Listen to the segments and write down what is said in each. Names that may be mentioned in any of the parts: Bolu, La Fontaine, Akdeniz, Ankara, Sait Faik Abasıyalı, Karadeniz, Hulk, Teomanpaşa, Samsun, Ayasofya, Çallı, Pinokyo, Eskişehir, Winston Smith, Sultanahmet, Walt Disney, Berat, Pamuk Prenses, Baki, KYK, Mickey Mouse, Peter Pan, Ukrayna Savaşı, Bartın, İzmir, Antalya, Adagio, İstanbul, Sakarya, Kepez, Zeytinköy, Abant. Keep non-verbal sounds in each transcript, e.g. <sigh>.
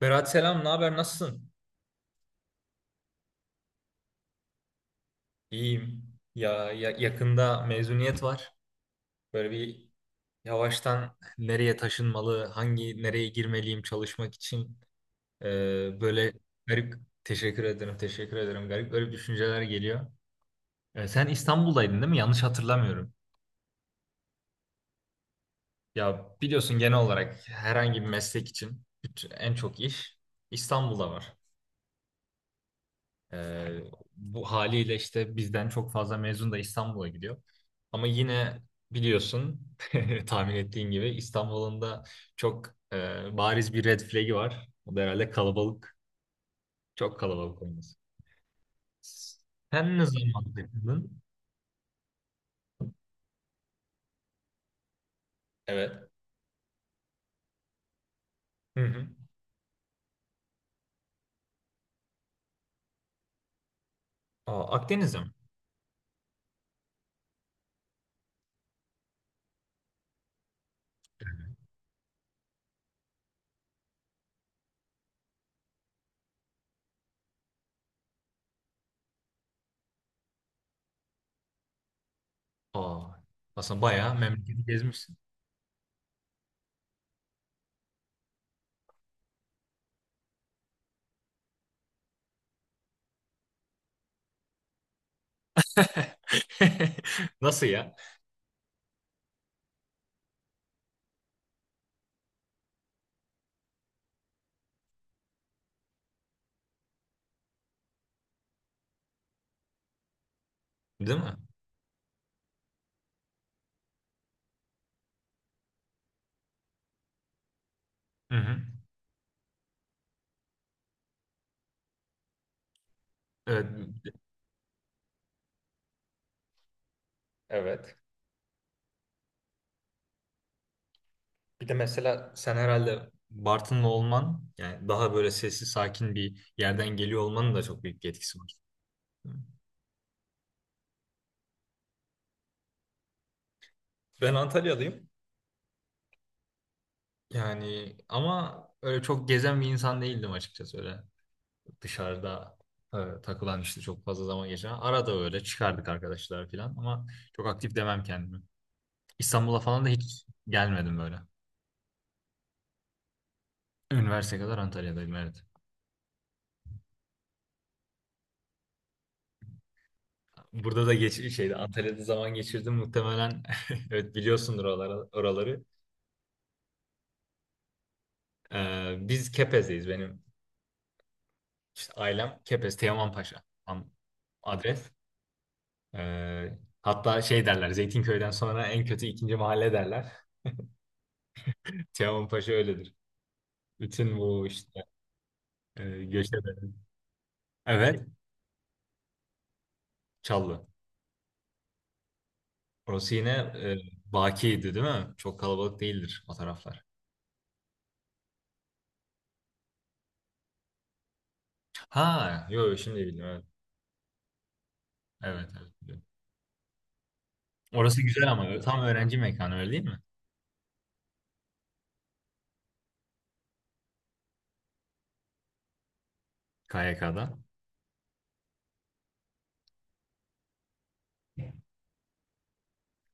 Berat selam, ne haber? Nasılsın? İyiyim. Yakında mezuniyet var. Böyle bir yavaştan nereye taşınmalı, hangi nereye girmeliyim çalışmak için. Böyle garip, teşekkür ederim, teşekkür ederim. Garip garip düşünceler geliyor. Sen İstanbul'daydın değil mi? Yanlış hatırlamıyorum. Ya biliyorsun genel olarak herhangi bir meslek için en çok iş İstanbul'da var. Ee, Bu haliyle işte bizden çok fazla mezun da İstanbul'a gidiyor. Ama yine biliyorsun, <laughs> tahmin ettiğin gibi İstanbul'un da çok bariz bir red flag'i var. O da herhalde kalabalık. Çok kalabalık olması. Sen ne zaman takıldın? Evet. Hı hı. Aa, Akdeniz'e mi? Aa, aslında bayağı memleketi gezmişsin. <laughs> Nasıl ya? Değil mi? Hı hı. Evet. Evet. Bir de mesela sen herhalde Bartınlı olman, yani daha böyle sessiz sakin bir yerden geliyor olmanın da çok büyük bir etkisi var. Ben Antalyalıyım. Yani ama öyle çok gezen bir insan değildim açıkçası, öyle dışarıda takılan, işte çok fazla zaman geçiren. Arada öyle çıkardık arkadaşlar falan ama çok aktif demem kendimi. İstanbul'a falan da hiç gelmedim böyle. Üniversite kadar Antalya'daydım, evet. Burada da geç şeydi, Antalya'da zaman geçirdim muhtemelen. <laughs> Evet, biliyorsundur oraları, oraları. Biz Kepez'deyiz. Benim işte ailem Kepez, adres. Hatta şey derler, Zeytinköy'den sonra en kötü ikinci mahalle derler. <laughs> Teomanpaşa öyledir. Bütün bu işte göçebelerin. Evet, Çallı. Orası yine Baki'ydi değil mi? Çok kalabalık değildir o taraflar. Ha, yok, şimdi bildim. Evet, evet, evet, biliyorum. Orası güzel ama tam öğrenci mekanı öyle değil mi? KYK'da.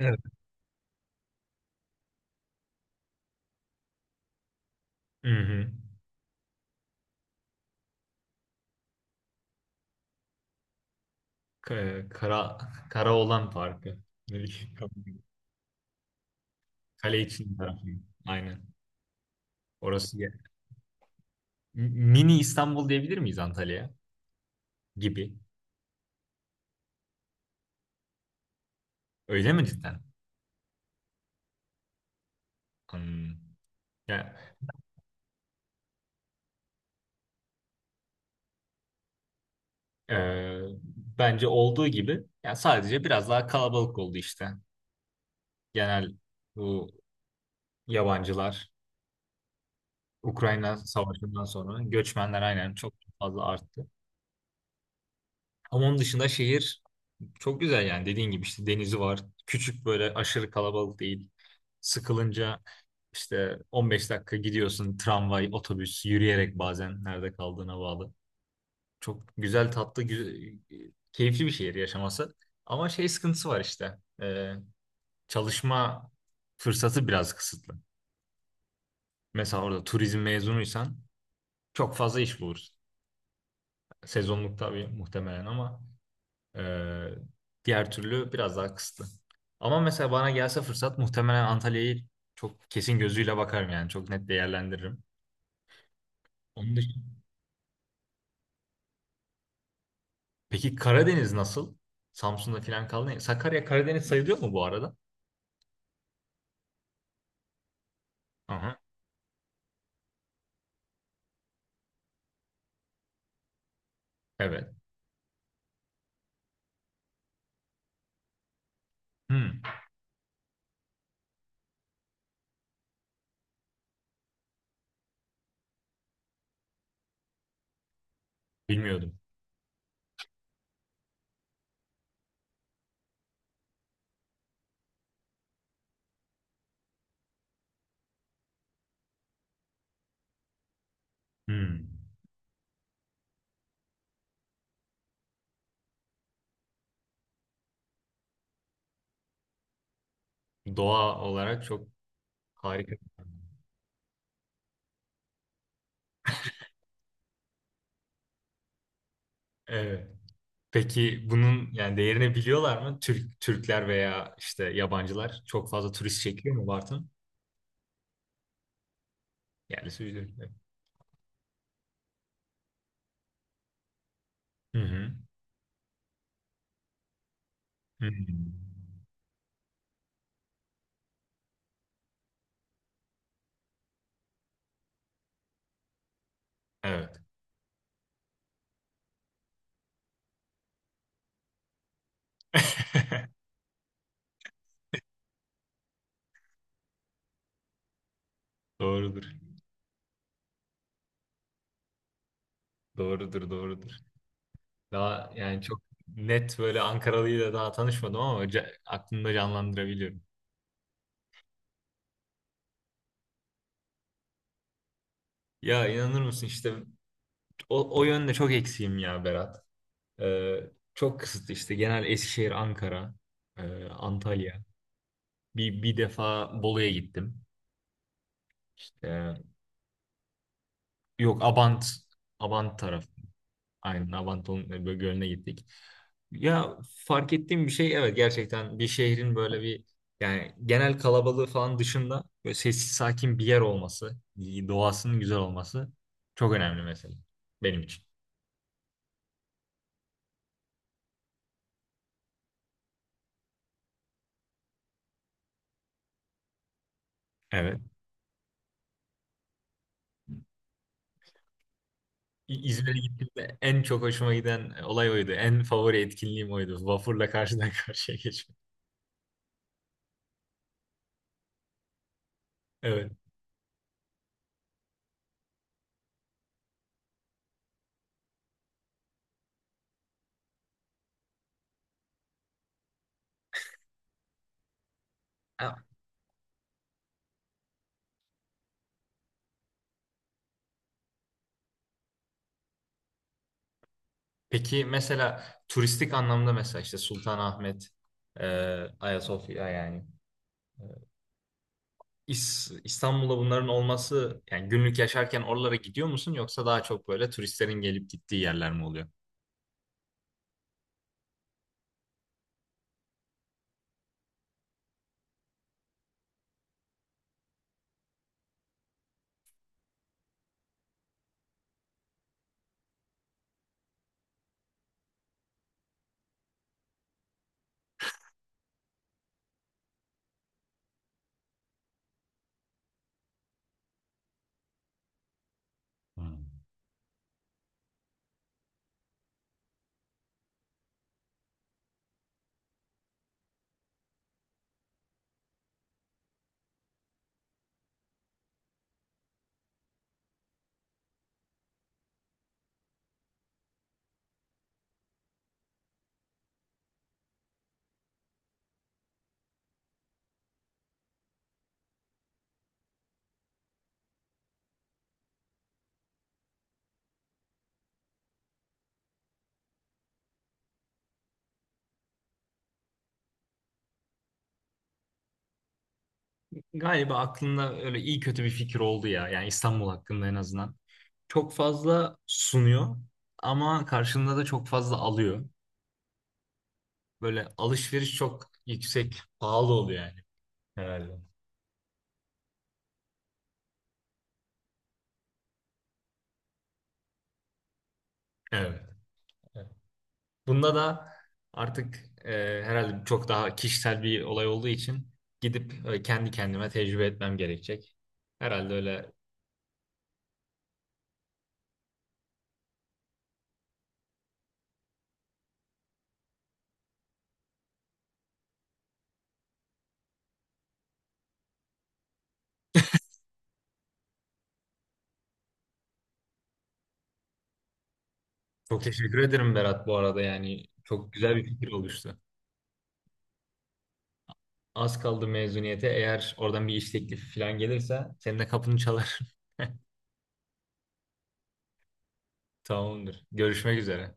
Evet. Hı hı. Ka- Kara, kara olan parkı. Ne bileyim, <laughs> Kale için tarafı. Aynen. Orası ya. Mini İstanbul diyebilir miyiz Antalya'ya? Gibi. Öyle mi cidden? Hmm. Ya, e, bence olduğu gibi ya, sadece biraz daha kalabalık oldu işte. Genel, bu yabancılar, Ukrayna Savaşı'ndan sonra göçmenler aynen çok fazla arttı. Ama onun dışında şehir çok güzel yani, dediğin gibi işte denizi var. Küçük, böyle aşırı kalabalık değil. Sıkılınca işte 15 dakika gidiyorsun tramvay, otobüs, yürüyerek, bazen nerede kaldığına bağlı. Çok güzel, tatlı, güzel, keyifli bir şehir yaşaması. Ama şey sıkıntısı var işte. Çalışma fırsatı biraz kısıtlı. Mesela orada turizm mezunuysan çok fazla iş bulursun. Sezonluk tabii muhtemelen ama Ee, diğer türlü biraz daha kısıtlı. Ama mesela bana gelse fırsat, muhtemelen Antalya'yı çok kesin gözüyle bakarım yani, çok net değerlendiririm. Onun dışında. Peki Karadeniz nasıl? Samsun'da falan kaldı. Sakarya Karadeniz sayılıyor mu bu arada? Aha, evet. Hmm, bilmiyordum. Hmm. Doğa olarak çok harika. Evet. Peki bunun yani değerini biliyorlar mı? Türkler veya işte yabancılar çok fazla turist çekiyor mu Bartın? Yerlisi bir. Hı hı. Hı hı. Evet. <laughs> Doğrudur. Doğrudur, doğrudur. Daha yani çok net böyle Ankaralıyla daha tanışmadım ama aklımda canlandırabiliyorum. Ya inanır mısın işte o yönde çok eksiğim ya Berat. Ee, Çok kısıtlı işte, genel Eskişehir, Ankara, Antalya. Bir defa Bolu'ya gittim. Ee, Yok, Abant. Aynen Avanton böyle Gölü'ne gittik. Ya, fark ettiğim bir şey, evet gerçekten bir şehrin böyle bir yani genel kalabalığı falan dışında böyle sessiz sakin bir yer olması, doğasının güzel olması çok önemli mesela benim için. Evet. İzmir'e gittiğimde en çok hoşuma giden olay oydu. En favori etkinliğim oydu. Vapurla karşıdan <laughs> karşıya geçmek. Evet. Ha, peki mesela turistik anlamda, mesela işte Sultanahmet, e, Ayasofya yani. İstanbul'da bunların olması yani, günlük yaşarken oralara gidiyor musun, yoksa daha çok böyle turistlerin gelip gittiği yerler mi oluyor? Hmm. Galiba aklında öyle iyi kötü bir fikir oldu ya. Yani İstanbul hakkında en azından. Çok fazla sunuyor ama karşında da çok fazla alıyor. Böyle alışveriş çok yüksek, pahalı oluyor yani. Herhalde. Evet. Bunda da artık herhalde çok daha kişisel bir olay olduğu için gidip kendi kendime tecrübe etmem gerekecek. Herhalde öyle. Çok teşekkür ederim Berat, bu arada yani çok güzel bir fikir oluştu. Az kaldı mezuniyete. Eğer oradan bir iş teklifi falan gelirse senin de kapını çalar. <laughs> Tamamdır. Görüşmek üzere.